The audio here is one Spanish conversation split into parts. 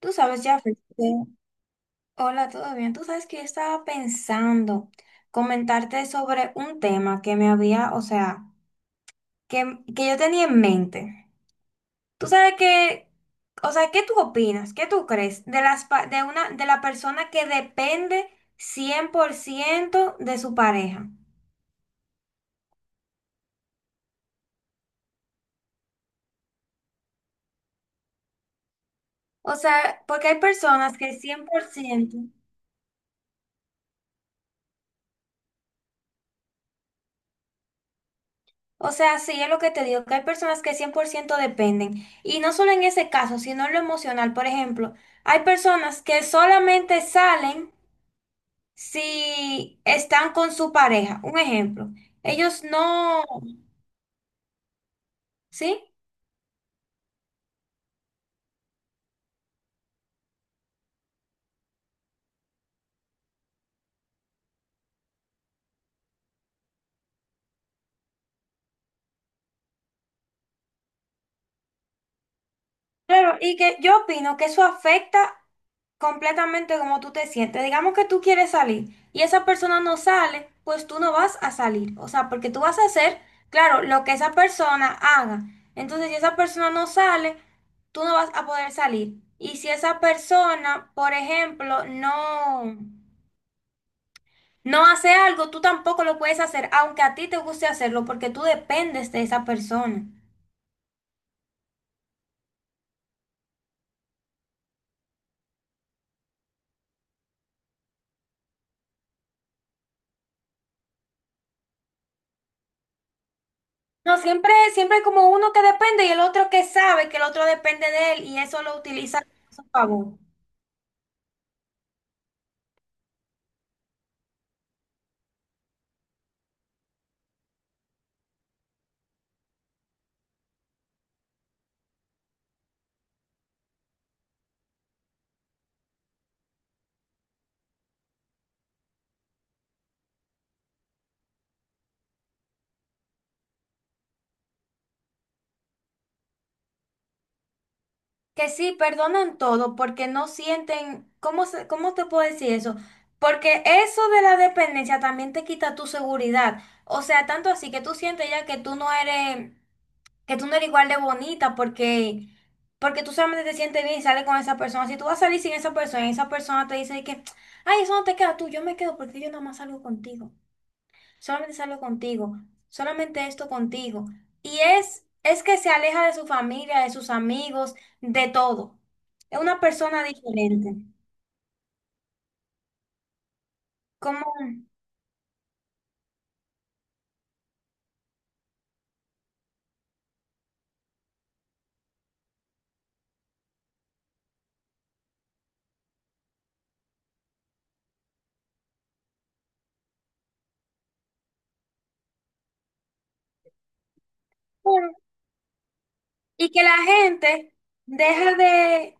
Tú sabes, ya, hola, ¿todo bien? Tú sabes que yo estaba pensando comentarte sobre un tema que me había, o sea, que yo tenía en mente. Tú sabes que, o sea, ¿qué tú opinas? ¿Qué tú crees de las, pa- de una, de la persona que depende 100% de su pareja? O sea, porque hay personas que cien por ciento. O sea, sí, es lo que te digo, que hay personas que 100% dependen. Y no solo en ese caso, sino en lo emocional. Por ejemplo, hay personas que solamente salen si están con su pareja. Un ejemplo. Ellos no, ¿sí? Claro, y que yo opino que eso afecta completamente cómo tú te sientes. Digamos que tú quieres salir y esa persona no sale, pues tú no vas a salir. O sea, porque tú vas a hacer, claro, lo que esa persona haga. Entonces, si esa persona no sale, tú no vas a poder salir. Y si esa persona, por ejemplo, no hace algo, tú tampoco lo puedes hacer, aunque a ti te guste hacerlo, porque tú dependes de esa persona. No, siempre, siempre hay como uno que depende y el otro que sabe que el otro depende de él y eso lo utiliza a su favor. Que sí, perdonan todo porque no sienten, cómo te puedo decir eso? Porque eso de la dependencia también te quita tu seguridad. O sea, tanto así que tú sientes ya que tú no eres igual de bonita porque tú solamente te sientes bien y sales con esa persona. Si tú vas a salir sin esa persona y esa persona te dice de que, ay, eso no te queda tú, yo me quedo porque yo nada más salgo contigo. Solamente salgo contigo, solamente esto contigo. Y es que se aleja de su familia, de sus amigos, de todo. Es una persona diferente. Como, bueno, y que la gente deja de,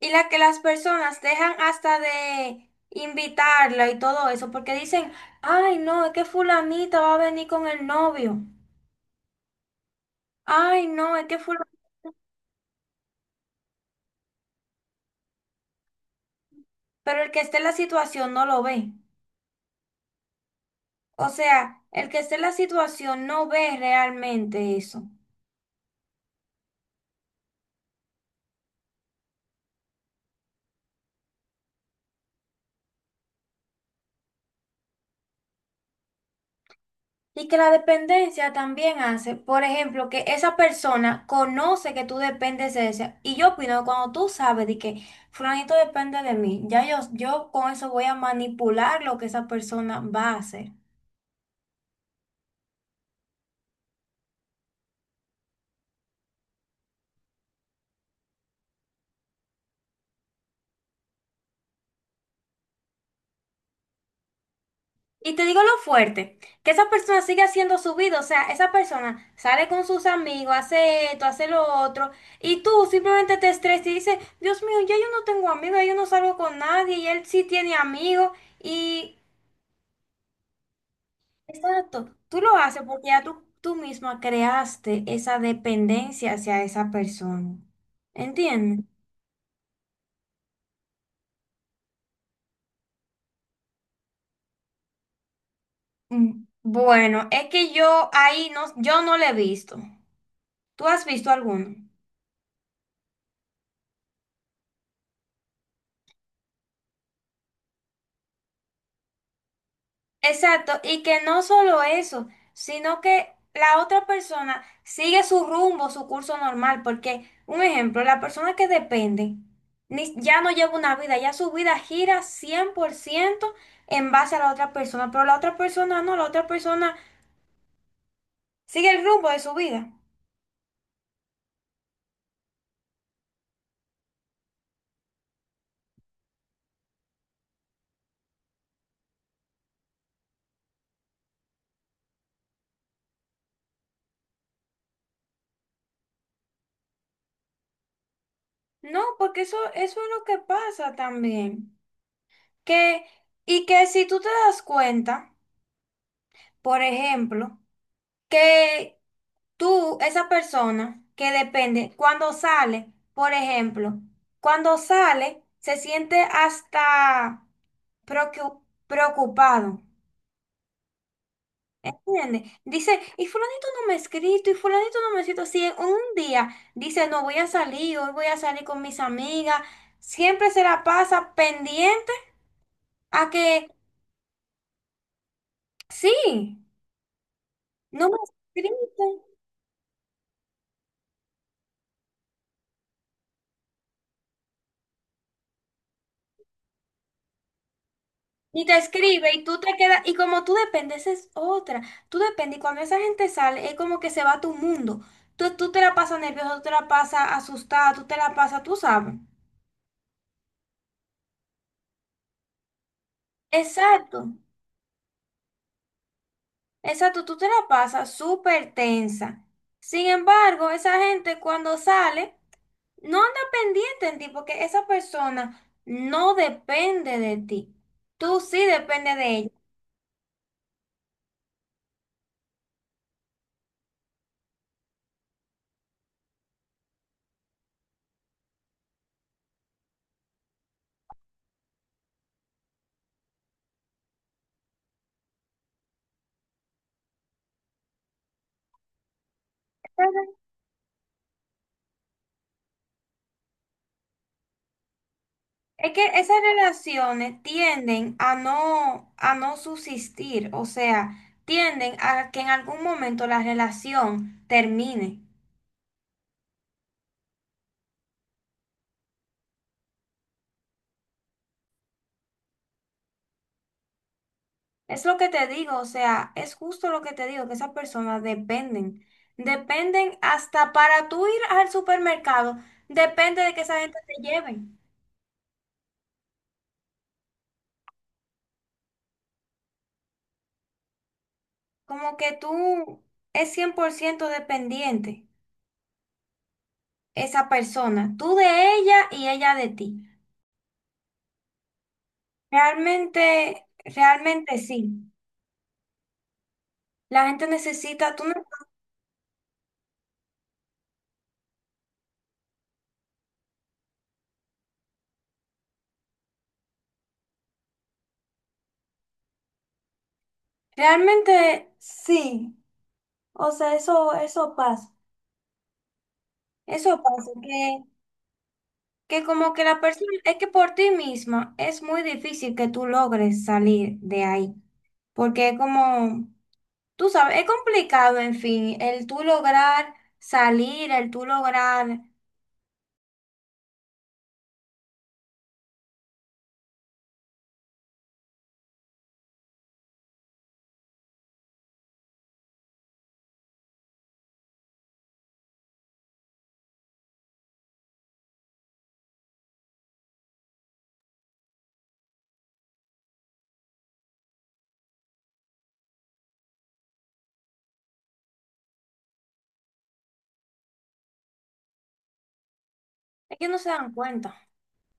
y la que las personas dejan hasta de invitarla y todo eso, porque dicen, ay, no, es que fulanita va a venir con el novio. Ay, no, es que fulanita, pero el que esté en la situación no lo ve. O sea, el que esté en la situación no ve realmente eso. Y que la dependencia también hace, por ejemplo, que esa persona conoce que tú dependes de ella. Y yo opino que cuando tú sabes de que fulanito depende de mí, ya yo con eso voy a manipular lo que esa persona va a hacer. Y te digo lo fuerte, que esa persona sigue haciendo su vida, o sea, esa persona sale con sus amigos, hace esto, hace lo otro, y tú simplemente te estresas y dices, Dios mío, ya yo no tengo amigos, ya yo no salgo con nadie, y él sí tiene amigos, y exacto, tú lo haces porque ya tú misma creaste esa dependencia hacia esa persona, ¿entiendes? Mm, bueno, es que yo ahí no, yo no le he visto. ¿Tú has visto alguno? Exacto, y que no solo eso, sino que la otra persona sigue su rumbo, su curso normal, porque, un ejemplo, la persona que depende ya no lleva una vida, ya su vida gira 100% en base a la otra persona, pero la otra persona no, la otra persona sigue el rumbo de su vida. No, porque eso es lo que pasa también, que, y que si tú te das cuenta, por ejemplo, que tú, esa persona que depende, cuando sale, por ejemplo, cuando sale, se siente hasta preocupado. ¿Entiendes? Dice, y fulanito no me ha escrito, y fulanito no me ha escrito. Si en un día dice, no voy a salir, hoy voy a salir con mis amigas, siempre se la pasa pendiente a que sí, no me ha escrito. Y te escribe y tú te quedas, y como tú dependes es otra, tú dependes y cuando esa gente sale es como que se va a tu mundo, tú te la pasas nerviosa, tú te la pasas asustada, tú te la pasas, tú sabes. Exacto, exacto, tú te la pasas súper tensa. Sin embargo, esa gente cuando sale, no anda pendiente en ti porque esa persona no depende de ti, tú sí depende de ella. Es que esas relaciones tienden a no subsistir, o sea, tienden a que en algún momento la relación termine. Es lo que te digo, o sea, es justo lo que te digo, que esas personas dependen. Dependen hasta para tú ir al supermercado, depende de que esa gente te lleve. Como que tú es 100% dependiente esa persona, tú de ella y ella de ti. Realmente, realmente sí. La gente necesita, tú no- realmente sí, o sea, eso pasa, eso pasa, que como que la persona, es que por ti misma es muy difícil que tú logres salir de ahí, porque es como, tú sabes, es complicado, en fin, el tú lograr salir, el tú lograr, ellos no se dan cuenta.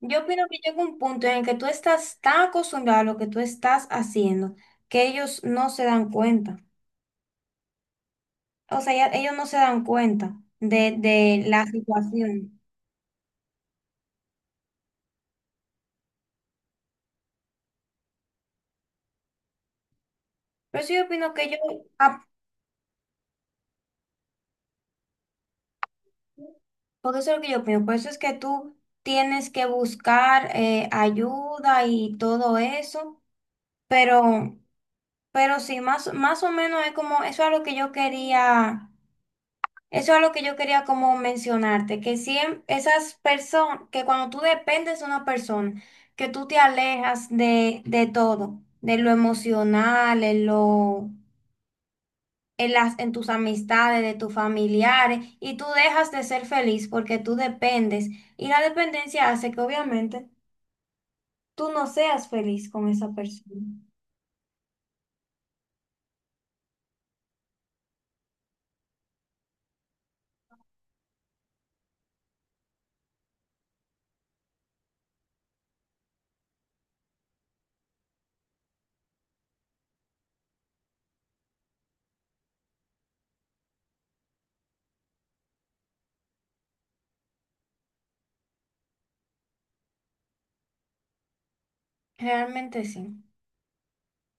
Yo opino que llega un punto en el que tú estás tan acostumbrado a lo que tú estás haciendo que ellos no se dan cuenta. O sea, ya- ellos no se dan cuenta de la situación. Por eso yo opino que yo, ah, porque eso es lo que yo opino, por eso es que tú tienes que buscar ayuda y todo eso, pero, pero sí, más o menos es como, eso es lo que yo quería como mencionarte, que siempre esas personas, que cuando tú dependes de una persona, que tú te alejas de todo, de lo emocional, de lo... en las, en tus amistades, de tus familiares, y tú dejas de ser feliz porque tú dependes. Y la dependencia hace que obviamente tú no seas feliz con esa persona. Realmente sí.